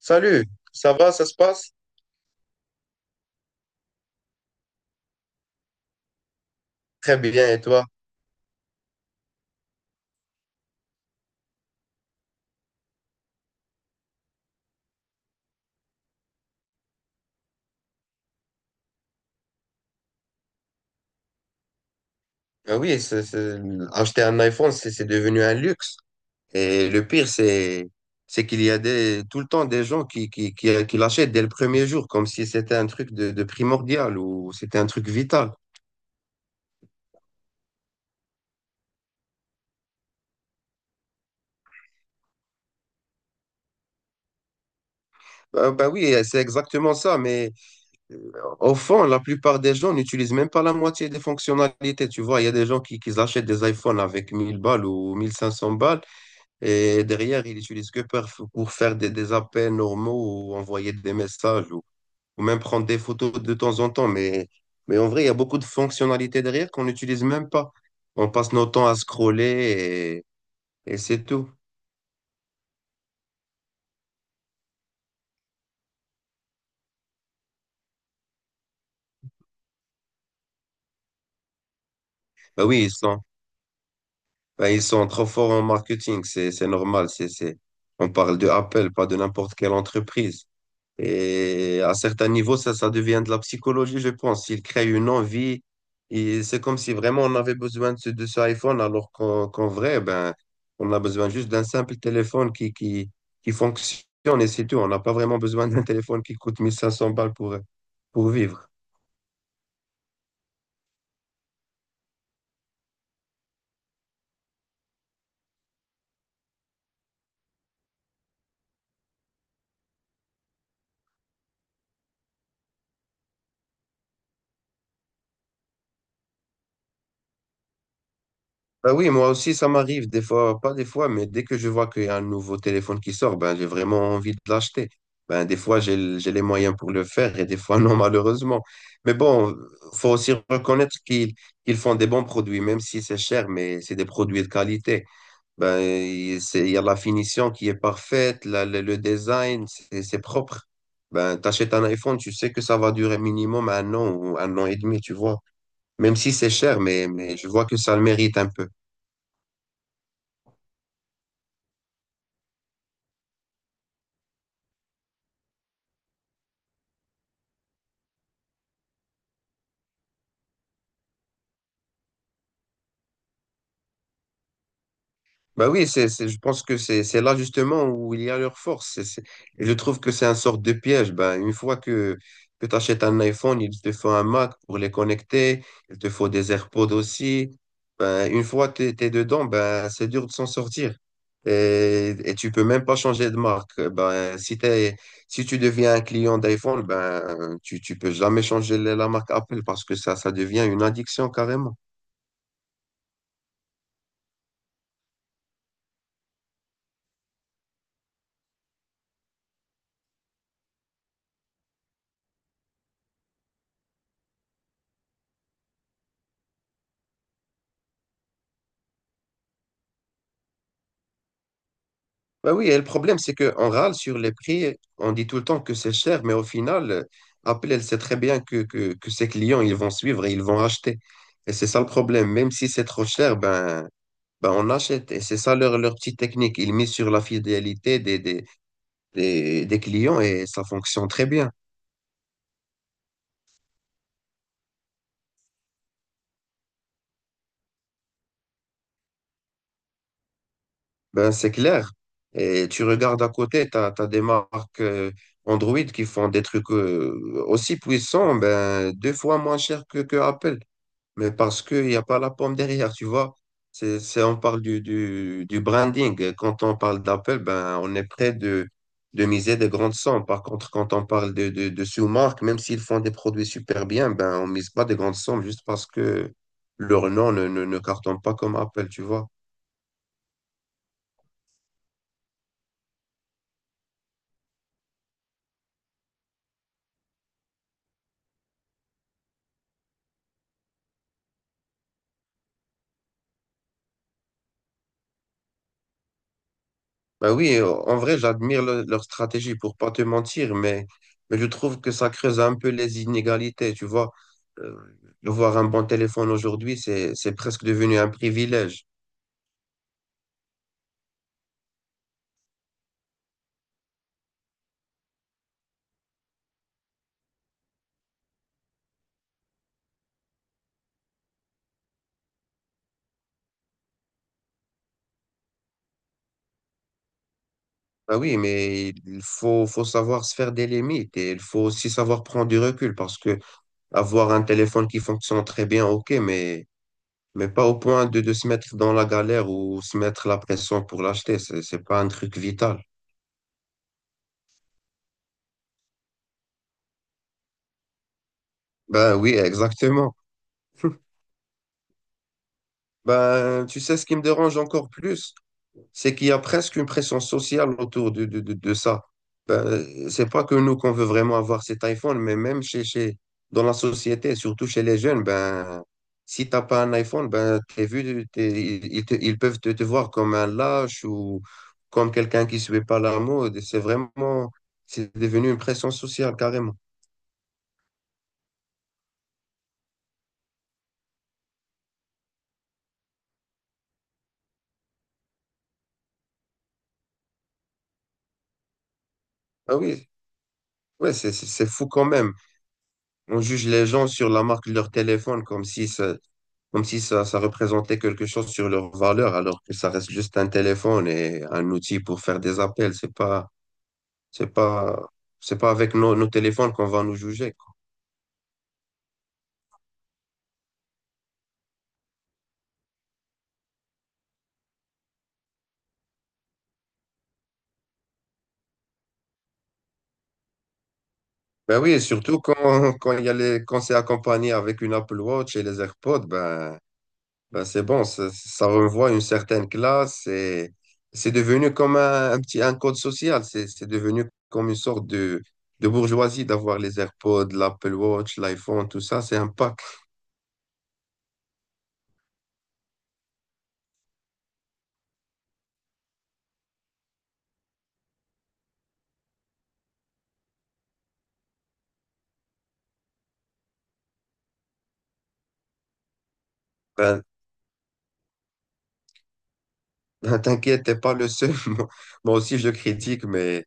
Salut, ça va, ça se passe? Très bien, et toi? Ah oui, c'est- c'est- Acheter un iPhone, c'est devenu un luxe. Et le pire, c'est qu'il y a tout le temps des gens qui l'achètent dès le premier jour, comme si c'était un truc de primordial ou c'était un truc vital. Bah oui, c'est exactement ça, mais euh, au fond, la plupart des gens n'utilisent même pas la moitié des fonctionnalités. Tu vois, il y a des gens qui achètent des iPhones avec 1000 balles ou 1500 balles. Et derrière, ils utilisent pour faire des appels normaux ou envoyer des messages, ou même prendre des photos de temps en temps. Mais en vrai, il y a beaucoup de fonctionnalités derrière qu'on n'utilise même pas. On passe nos temps à scroller et c'est tout. Bah oui, ils sont trop forts en marketing, c'est normal. On parle de Apple, pas de n'importe quelle entreprise. Et à certains niveaux, ça devient de la psychologie, je pense. Il crée une envie. Et c'est comme si vraiment on avait besoin de de ce iPhone, alors qu'en vrai, ben, on a besoin juste d'un simple téléphone qui fonctionne et c'est tout. On n'a pas vraiment besoin d'un téléphone qui coûte 1500 balles pour vivre. Bah oui, moi aussi, ça m'arrive pas des fois, mais dès que je vois qu'il y a un nouveau téléphone qui sort, ben, j'ai vraiment envie de l'acheter. Ben, des fois, j'ai les moyens pour le faire et des fois, non, malheureusement. Mais bon, faut aussi reconnaître qu'ils font des bons produits, même si c'est cher, mais c'est des produits de qualité. Ben, il y a la finition qui est parfaite, le design, c'est propre. Ben, t'achètes un iPhone, tu sais que ça va durer minimum un an ou un an et demi, tu vois. Même si c'est cher, mais je vois que ça le mérite un peu. Bah oui, je pense que c'est là justement où il y a leur force. Et je trouve que c'est un sorte de piège. Ben, une fois que tu achètes un iPhone, il te faut un Mac pour les connecter, il te faut des AirPods aussi. Ben, une fois que tu es, dedans, ben, c'est dur de s'en sortir. Et tu peux même pas changer de marque. Ben, si tu deviens un client d'iPhone, ben, tu peux jamais changer la marque Apple parce que ça devient une addiction carrément. Bah oui, et le problème, c'est qu'on râle sur les prix, on dit tout le temps que c'est cher, mais au final, Apple, elle sait très bien que ses clients, ils vont suivre et ils vont acheter. Et c'est ça le problème. Même si c'est trop cher, ben on achète. Et c'est ça leur petite technique. Ils misent sur la fidélité des clients et ça fonctionne très bien. Ben, c'est clair. Et tu regardes à côté, tu as, des marques Android qui font des trucs aussi puissants, ben, deux fois moins cher que Apple. Mais parce qu'il n'y a pas la pomme derrière, tu vois. On parle du branding. Quand on parle d'Apple, ben, on est prêt de miser des grandes sommes. Par contre, quand on parle de sous-marques, même s'ils font des produits super bien, ben, on mise pas de grandes sommes juste parce que leur nom ne cartonne pas comme Apple, tu vois. Bah oui, en vrai, leur stratégie pour pas te mentir, mais je trouve que ça creuse un peu les inégalités, tu vois. Euh, de voir un bon téléphone aujourd'hui, c'est presque devenu un privilège. Bah oui, mais faut savoir se faire des limites et il faut aussi savoir prendre du recul parce que avoir un téléphone qui fonctionne très bien, ok, mais pas au point de se mettre dans la galère ou se mettre la pression pour l'acheter, c'est pas un truc vital. Bah oui, exactement. Ben, tu sais, ce qui me dérange encore plus, c'est qu'il y a presque une pression sociale autour de ça. Ben, c'est pas que nous qu'on veut vraiment avoir cet iPhone, mais même dans la société, surtout chez les jeunes, ben, si t'as pas un iPhone, ben, t'es vu, ils peuvent te voir comme un lâche ou comme quelqu'un qui suit pas la mode. C'est devenu une pression sociale carrément. Ah oui, ouais, c'est fou quand même. On juge les gens sur la marque de leur téléphone comme si ça représentait quelque chose sur leur valeur, alors que ça reste juste un téléphone et un outil pour faire des appels. C'est pas, c'est pas avec nos téléphones qu'on va nous juger, quoi. Ben oui, et surtout quand il y a les, quand c'est accompagné avec une Apple Watch et les AirPods, ben c'est bon, ça renvoie une certaine classe et c'est devenu comme un petit, un code social. C'est devenu comme une sorte de bourgeoisie d'avoir les AirPods, l'Apple Watch, l'iPhone, tout ça, c'est un pack. Ben, T'inquiète, t'es pas le seul. Moi aussi, je critique, mais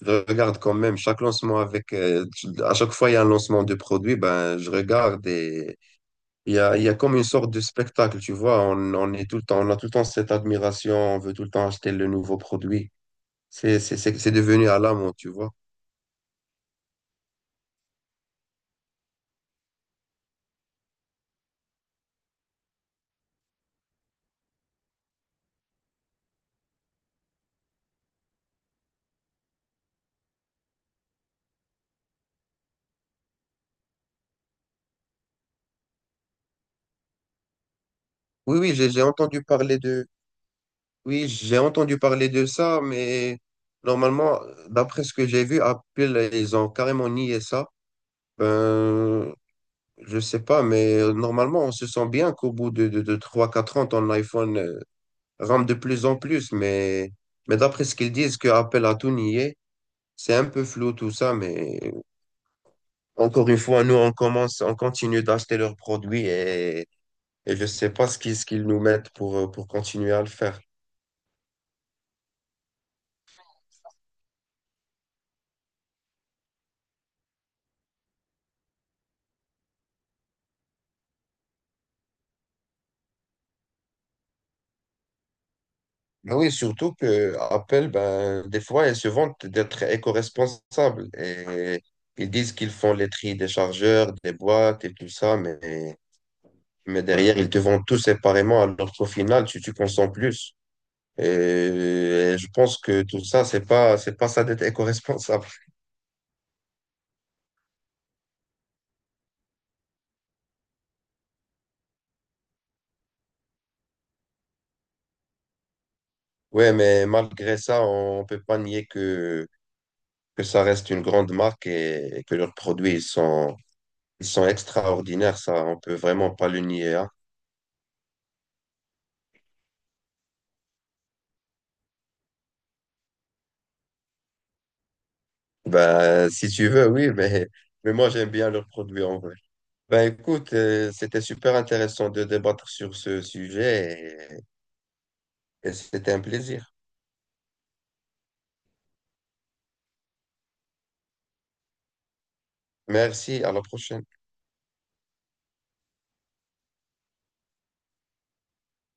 je regarde quand même chaque lancement avec. À chaque fois, il y a un lancement de produit, ben, je regarde et il y a comme une sorte de spectacle, tu vois. On est tout le temps, on a tout le temps cette admiration, on veut tout le temps acheter le nouveau produit. C'est devenu à la, tu vois. Oui, oui, j'ai entendu parler de. Oui, j'ai entendu parler de ça, mais normalement, d'après ce que j'ai vu, Apple, ils ont carrément nié ça. Ben, je sais pas, mais normalement, on se sent bien qu'au bout de 3-4 ans, ton iPhone rampe de plus en plus. Mais d'après ce qu'ils disent, que Apple a tout nié, c'est un peu flou tout ça. Mais encore une fois, nous, on commence, on continue d'acheter leurs produits et je sais pas ce qu'ils nous mettent pour continuer à le faire. Mais oui, surtout que Apple, ben, des fois, ils se vantent d'être éco-responsables et ils disent qu'ils font les tri des chargeurs, des boîtes et tout ça. Mais derrière, ils te vendent tout séparément, alors qu'au final, tu consommes plus. Et je pense que tout ça, c'est pas ça d'être éco-responsable. Ouais, mais malgré ça, on peut pas nier que ça reste une grande marque et que leurs produits, ils sont extraordinaires. Ça, on peut vraiment pas le nier, hein. Ben, si tu veux, oui, mais moi, j'aime bien leurs produits en vrai. Ben, écoute, c'était super intéressant de débattre sur ce sujet et c'était un plaisir. Merci, à la prochaine.